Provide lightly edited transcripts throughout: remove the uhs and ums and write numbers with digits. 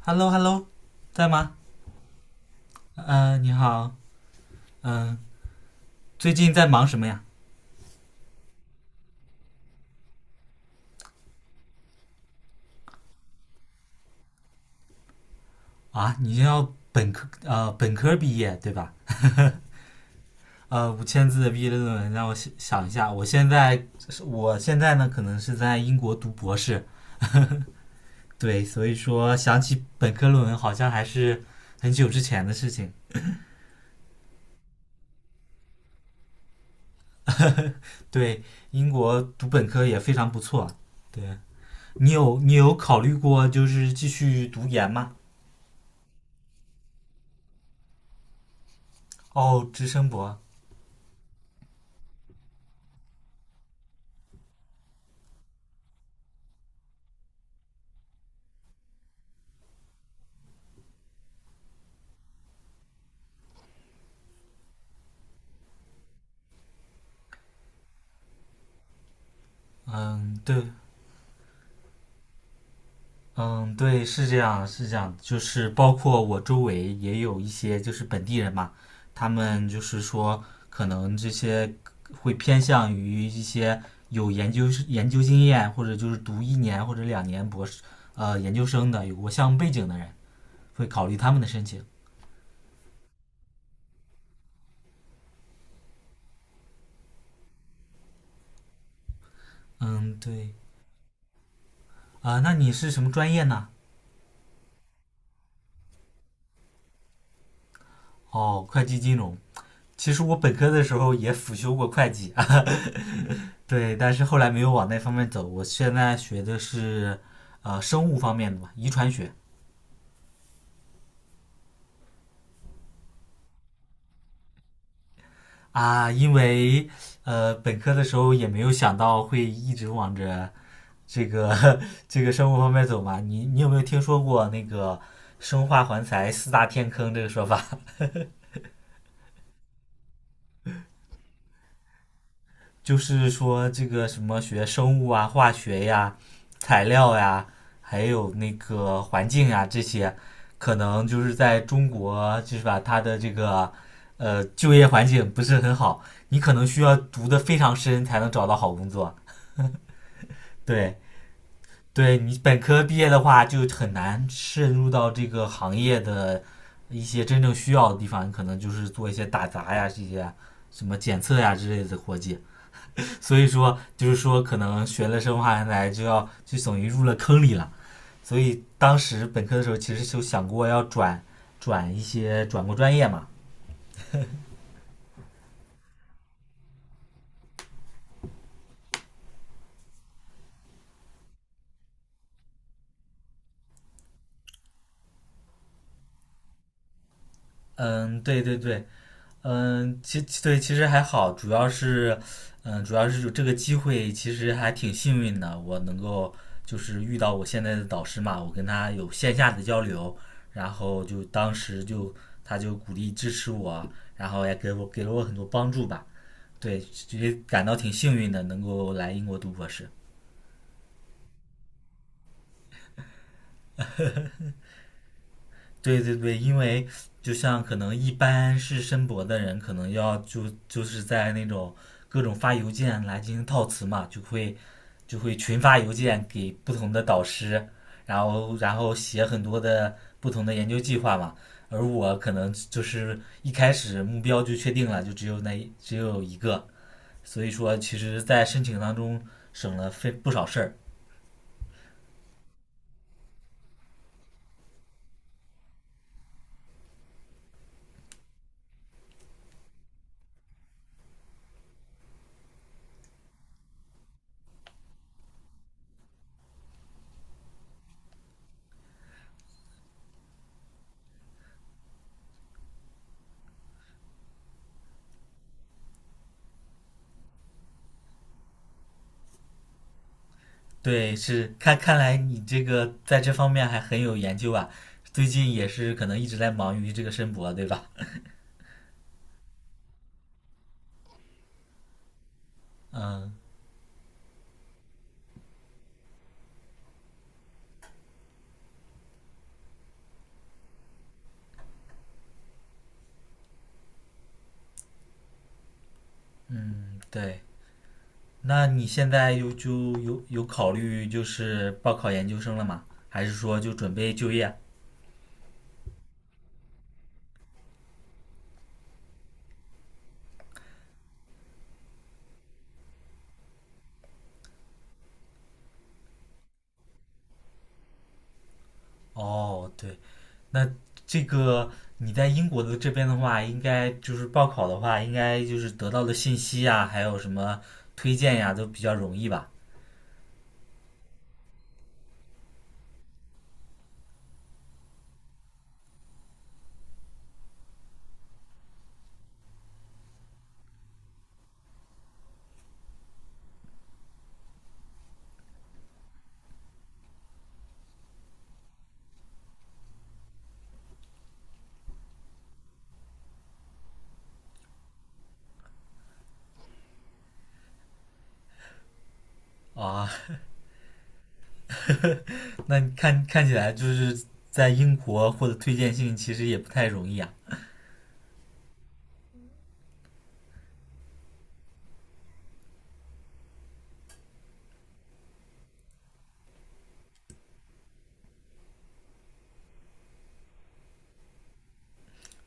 Hello Hello，在吗？你好，嗯、最近在忙什么呀？啊，你要本科本科毕业对吧？呃，五千字的毕业论文，让我想想一下。我现在呢，可能是在英国读博士，对，所以说想起本科论文，好像还是很久之前的事情。对，英国读本科也非常不错。对你有考虑过就是继续读研吗？哦，直升博，嗯，对，嗯，对，是这样，是这样，就是包括我周围也有一些就是本地人嘛，他们就是说可能这些会偏向于一些有研究经验，或者就是读一年或者两年博士研究生的，有过项目背景的人，会考虑他们的申请。嗯，对，啊、那你是什么专业呢？哦，会计金融。其实我本科的时候也辅修过会计，对，但是后来没有往那方面走。我现在学的是生物方面的嘛，遗传学啊，因为本科的时候也没有想到会一直往着这个 这个生物方面走嘛。你有没有听说过那个生化环材四大天坑这个说法？就是说这个什么学生物啊、化学呀、材料呀，还有那个环境呀这些，可能就是在中国就是把它的这个就业环境不是很好，你可能需要读的非常深才能找到好工作。对，对你本科毕业的话，就很难渗入到这个行业的一些真正需要的地方，你可能就是做一些打杂呀、这些什么检测呀之类的活计。所以说就是说可能学了生化人来就要就等于入了坑里了。所以当时本科的时候其实就想过要转转一些转过专业嘛。嗯，对对对，其实还好，主要是主要是有这个机会其实还挺幸运的，我能够就是遇到我现在的导师嘛，我跟他有线下的交流，然后就当时就他就鼓励支持我，然后也给我给了我很多帮助吧。对，也感到挺幸运的，能够来英国读博士。对对对，因为就像可能一般是申博的人，可能要是在那种各种发邮件来进行套词嘛，就会群发邮件给不同的导师，然后写很多的不同的研究计划嘛。而我可能就是一开始目标就确定了，就只有那只有一个，所以说其实在申请当中省了非不少事儿。对，是看来你这个在这方面还很有研究啊。最近也是可能一直在忙于这个申博，对吧？嗯嗯，对。那你现在有考虑就是报考研究生了吗？还是说就准备就业啊？哦，对，那这个你在英国的这边的话，应该就是报考的话，应该就是得到的信息呀，还有什么推荐呀，都比较容易吧？啊，那你看起来就是在英国获得推荐信其实也不太容易啊。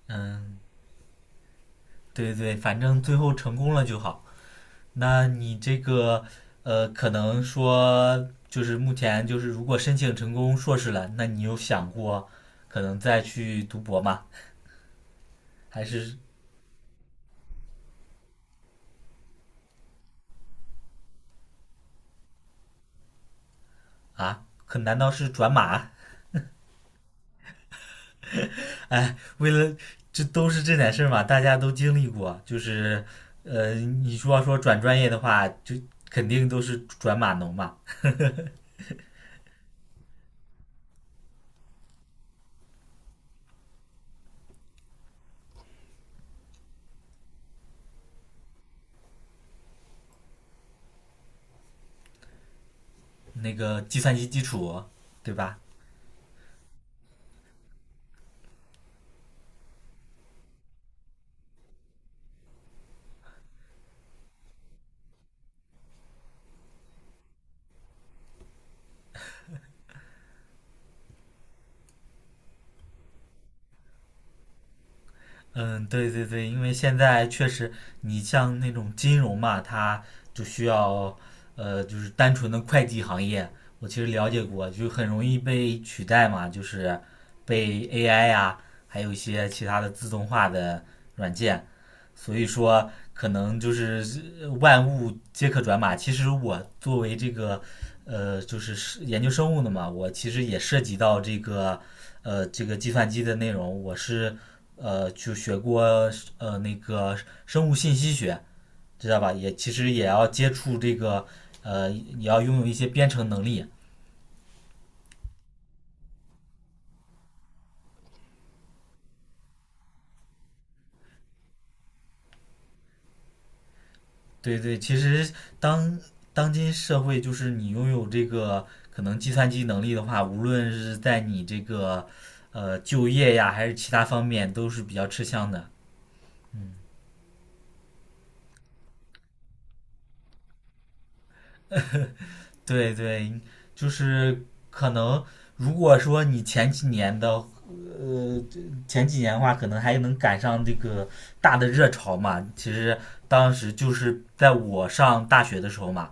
嗯，对对，反正最后成功了就好。那你这个可能说就是目前就是如果申请成功硕士了，那你有想过可能再去读博吗？还是啊？可难道是转码？哎，为了这都是这点事儿嘛，大家都经历过。就是呃，你说要说转专业的话，就肯定都是转码农嘛。那个计算机基础，对吧？嗯，对对对，因为现在确实，你像那种金融嘛，它就需要，呃，就是单纯的会计行业，我其实了解过，就很容易被取代嘛，就是被 AI 呀、还有一些其他的自动化的软件所以说，可能就是万物皆可转码。其实我作为这个，呃，就是是研究生物的嘛，我其实也涉及到这个，呃，这个计算机的内容。我是，呃，就学过那个生物信息学，知道吧？也其实也要接触这个，呃，也要拥有一些编程能力。对对，其实当当今社会，就是你拥有这个可能计算机能力的话，无论是在你这个就业呀，还是其他方面，都是比较吃香的。对对，就是可能如果说你呃前几年的话，可能还能赶上这个大的热潮嘛。其实当时就是在我上大学的时候嘛，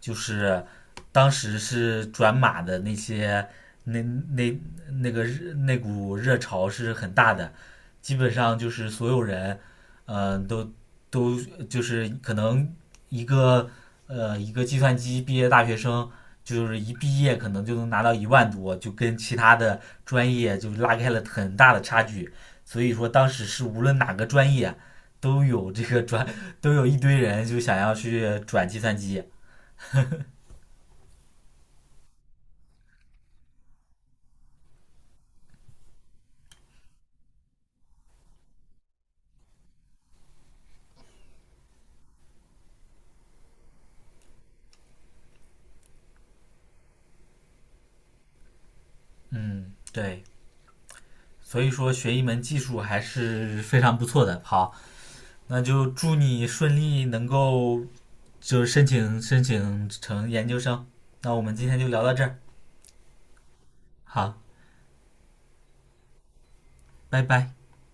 就是当时是转码的那那那个那股热潮是很大的，基本上就是所有人，嗯、呃都都就是可能一个一个计算机毕业大学生，就是一毕业可能就能拿到1万多，就跟其他的专业就拉开了很大的差距。所以说当时是无论哪个专业都有这个转，都有一堆人就想要去转计算机。嗯，对，所以说学一门技术还是非常不错的。好，那就祝你顺利能够就是申请成研究生。那我们今天就聊到这儿，好，拜拜。